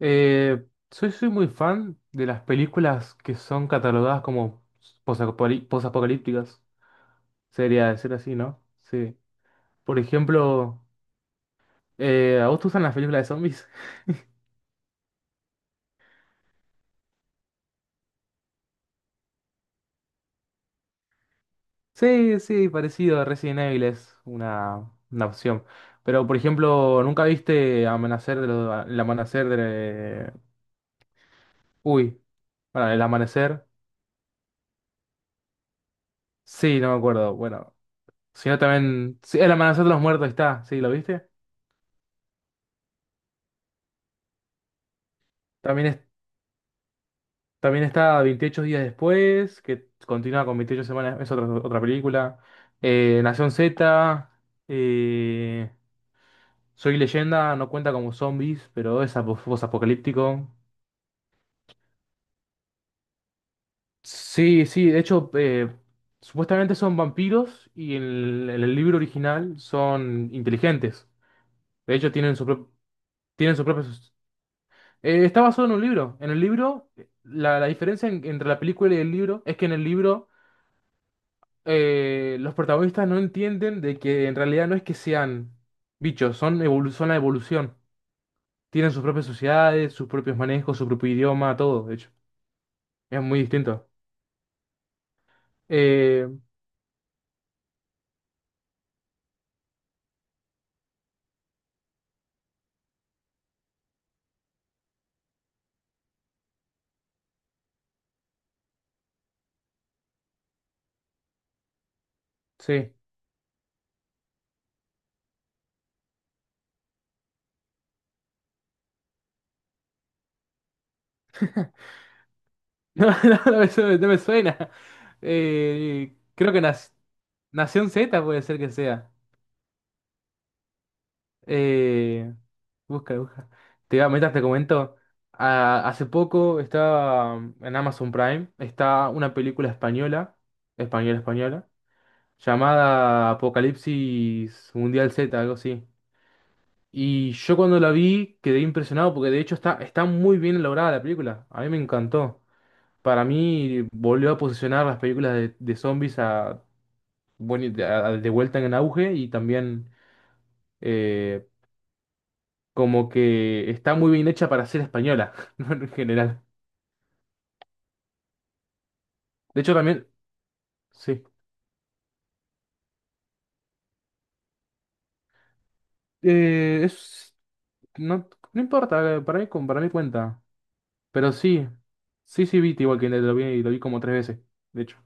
Soy muy fan de las películas que son catalogadas como posapocalípticas. Sería decir así, ¿no? Sí. Por ejemplo, ¿a vos te gustan las películas de zombies? Sí, sí, parecido. Resident Evil es una opción. Pero, por ejemplo, ¿nunca viste el amanecer de... Uy, bueno, el amanecer. Sí, no me acuerdo. Bueno, si no también... Sí, el amanecer de los muertos ahí está. Sí, ¿lo viste? También También está 28 días después, que continúa con 28 semanas, es otra película. Nación Z, eh, Soy Leyenda, no cuenta como zombies, pero es posapocalíptico. Sí, sí, de hecho, supuestamente son vampiros y en en el libro original son inteligentes. De hecho, tienen sus propios... está basado en un libro. En el libro, la diferencia entre la película y el libro es que en el libro... los protagonistas no entienden de que en realidad no es que sean bichos, son la evolución. Tienen sus propias sociedades, sus propios manejos, su propio idioma, todo, de hecho. Es muy distinto. Eh, sí. No, no, no me suena. Eh, creo que nas- Nación Z puede ser que sea. Eh, busca. Te iba a meter, te comento. Ah, hace poco estaba en Amazon Prime, está una película española, llamada Apocalipsis Mundial Z, algo así. Y yo cuando la vi quedé impresionado porque de hecho está muy bien elaborada la película. A mí me encantó. Para mí volvió a posicionar las películas de zombies a, bueno, de vuelta en auge y también eh, como que está muy bien hecha para ser española, ¿no? En general. De hecho también, sí. Eh, es, no, no importa, para mí cuenta. Pero sí, sí, sí vi The Walking Dead, lo vi, y lo vi como tres veces, de hecho.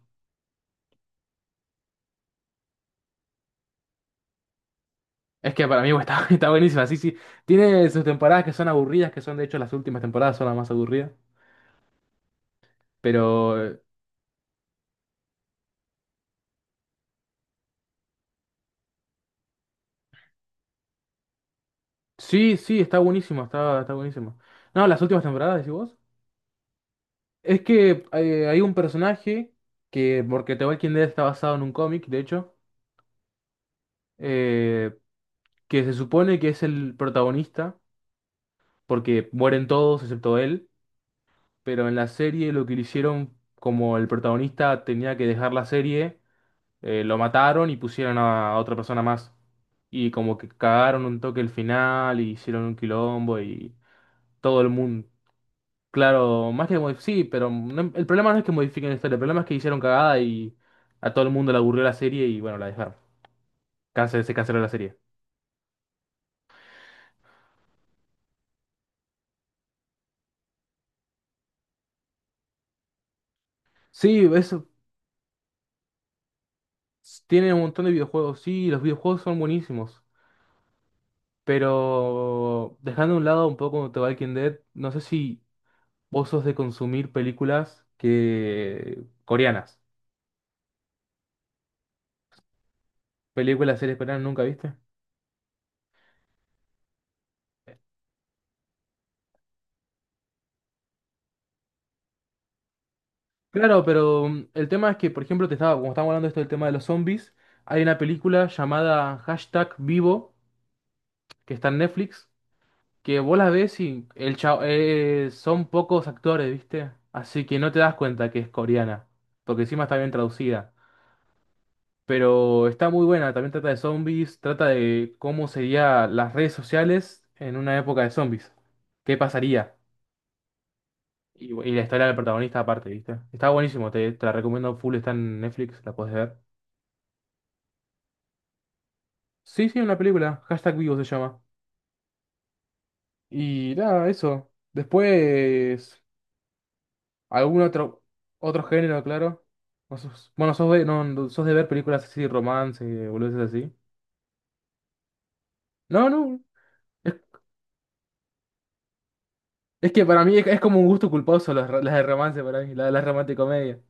Es que para mí bueno, está, está buenísima, sí, sí. Tiene sus temporadas que son aburridas, que son de hecho las últimas temporadas son las más aburridas. Pero eh, sí, sí, está buenísimo, está buenísimo. No, las últimas temporadas, decís vos. Es que Hay un personaje porque The Walking Dead está basado en un cómic, de hecho, eh, que se supone que es el protagonista, porque mueren todos excepto él. Pero en la serie lo que le hicieron, como el protagonista tenía que dejar la serie, lo mataron y pusieron a otra persona más. Y como que cagaron un toque el final y hicieron un quilombo y todo el mundo. Claro, sí, el problema no es que modifiquen la historia, el problema es que hicieron cagada y a todo el mundo le aburrió la serie y bueno, la dejaron. Se canceló la serie. Sí, eso tiene un montón de videojuegos, sí, los videojuegos son buenísimos. Pero dejando a un lado un poco The Walking Dead, no sé si vos sos de consumir películas que coreanas. Películas, series coreanas, ¿nunca viste? Claro, pero mm, el tema es que, por ejemplo, te estaba, como estamos hablando de esto del tema de los zombies, hay una película llamada Hashtag Vivo, que está en Netflix, que vos la ves y son pocos actores, ¿viste? Así que no te das cuenta que es coreana, porque encima está bien traducida. Pero está muy buena, también trata de zombies, trata de cómo serían las redes sociales en una época de zombies. ¿Qué pasaría? Y la historia del protagonista aparte, ¿viste? Está buenísimo, te la recomiendo full, está en Netflix, la puedes ver. Sí, sí, una película, hashtag vivo se llama. Y nada, eso. Después, algún otro, otro género, claro. O sos- bueno, sos de, no, no, sos de ver películas así, romance, boludeces así. No, no, es, es que para mí es como un gusto culposo las de romance para mí, las romanticomedia.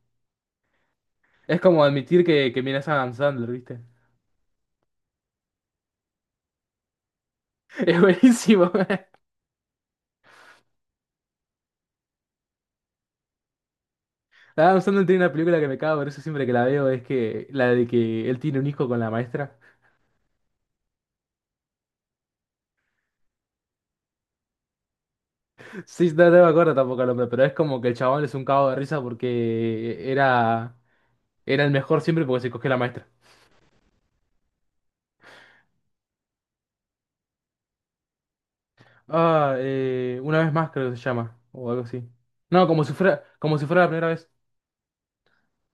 Es como admitir que miras a Adam Sandler, ¿viste? Es buenísimo. Adam Sandler tiene una película que me cago, por eso siempre que la veo es que la de que él tiene un hijo con la maestra. Sí, no, no me acuerdo tampoco el nombre, pero es como que el chabón es un cago de risa porque era el mejor siempre porque se cogió la maestra. Una vez más creo que se llama, o algo así. No, como si fuera la primera vez.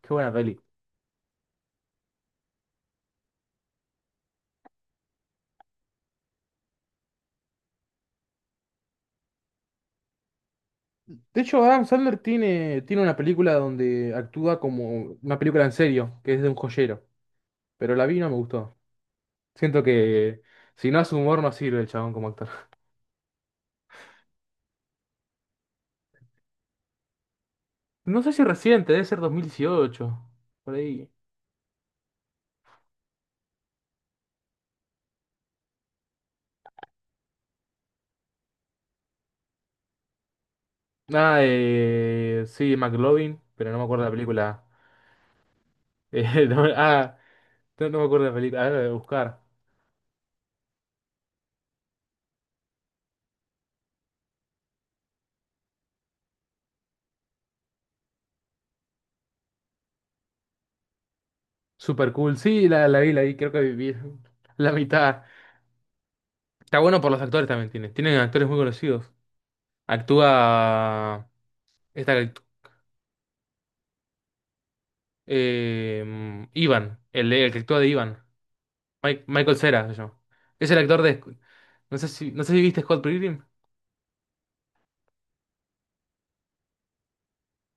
Qué buena peli. De hecho, Adam Sandler tiene una película donde actúa como una película en serio, que es de un joyero, pero la vi y no me gustó. Siento que si no hace humor no sirve el chabón como actor. No sé si reciente, debe ser 2018. Por ahí. Sí, McLovin, pero no me acuerdo de la película. Eh, no, ah, no, no me acuerdo de la película. Ahora la voy a buscar. Super cool. Sí, la vi, creo que viví la mitad. Está bueno por los actores también tiene. Tienen actores muy conocidos. Actúa esta que actú- Ivan, el que actúa de Ivan. Michael Cera se llama. Es el actor de. No sé si viste Scott Pilgrim.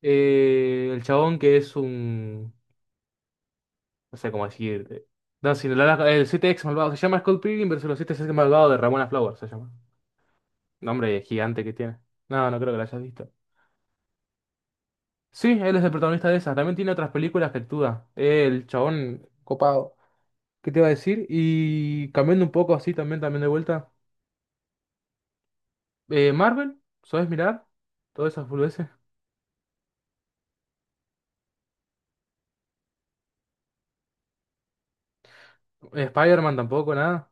El chabón que es un. No sé cómo decirte. No, si la- la- el 7 ex malvado se llama Scott Pilgrim versus los 7 ex malvado de Ramona Flowers, se llama. Nombre gigante que tiene. No, no creo que la hayas visto. Sí, él es el protagonista de esas. También tiene otras películas que actúa. El chabón copado. ¿Qué te iba a decir? Y cambiando un poco así también, también de vuelta. Marvel, ¿sabes mirar? Todas esas boludeces. Spider-Man tampoco, nada.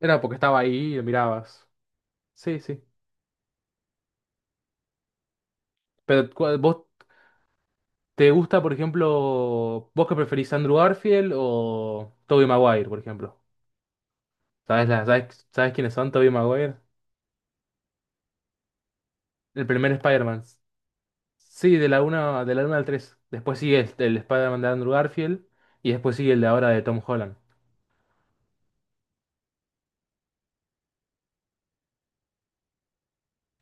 Era porque estaba ahí y lo mirabas. Sí, sí. Pero ¿cuál- vos ¿Te gusta, por ejemplo, vos que preferís Andrew Garfield o Tobey Maguire, por ejemplo? ¿Sabes quiénes son Tobey Maguire? El primer Spider-Man. Sí, de la una al 3. Después sigue el Spider-Man de Andrew Garfield y después sigue el de ahora de Tom Holland.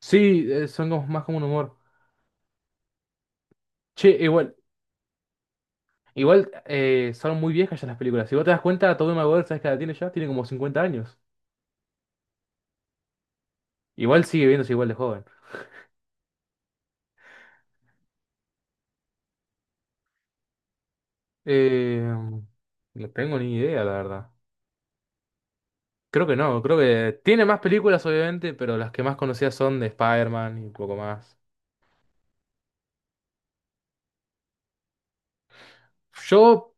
Sí, son más como un humor. Che, igual, igual Son muy viejas ya las películas. Si vos te das cuenta, Tobey Maguire, ¿sabes qué edad tiene ya? Tiene como 50 años. Igual sigue viéndose igual de joven. Eh, no tengo ni idea, la verdad. Creo que no, creo que tiene más películas, obviamente, pero las que más conocidas son de Spider-Man y un poco más. Yo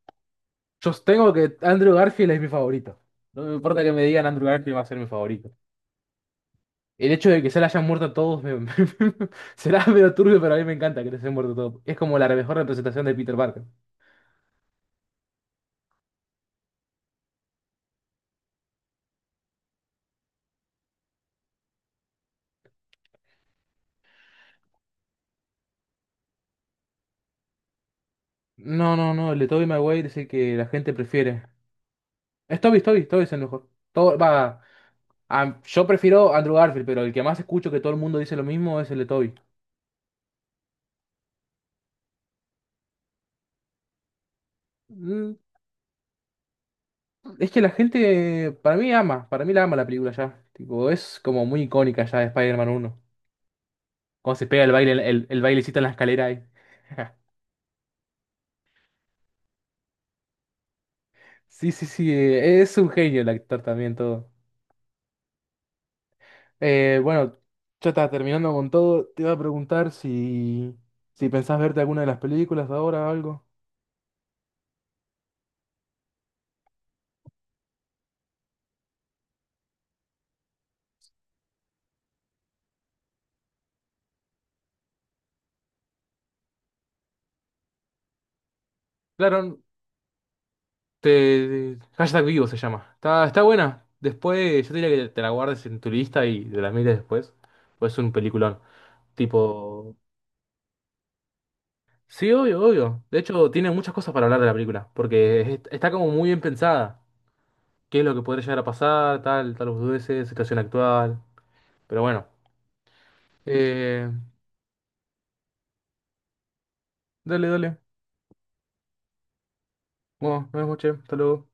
yo tengo que Andrew Garfield es mi favorito. No me importa que me digan Andrew Garfield va a ser mi favorito. El hecho de que se le hayan muerto a todos será medio turbio, pero a mí me encanta que les hayan muerto a todos. Es como la mejor representación de Peter Parker. No, no, no, el de Tobey Maguire es el que la gente prefiere. Es Tobey es el mejor. Yo prefiero Andrew Garfield, pero el que más escucho que todo el mundo dice lo mismo es el de Tobey. Mm, Es que la gente, para mí ama, para mí la ama la película ya. Tipo, es como muy icónica ya de Spider-Man 1. Cuando se pega el baile, el bailecito en la escalera ahí. Sí, sí, sí, es un genio el actor también todo. Bueno, ya está terminando con todo. Te iba a preguntar si, si pensás verte alguna de las películas ahora o algo. Claro, te, hashtag vivo se llama. Está buena. Después, yo te diría que te la guardes en tu lista y te la mires después. Pues es un peliculón. Tipo, sí, obvio, obvio. De hecho, tiene muchas cosas para hablar de la película, porque está como muy bien pensada. ¿Qué es lo que podría llegar a pasar? Tal, tal dudeces, situación actual. Pero bueno. Eh, dale, dale. Bueno, nos vemos, che. Hasta luego.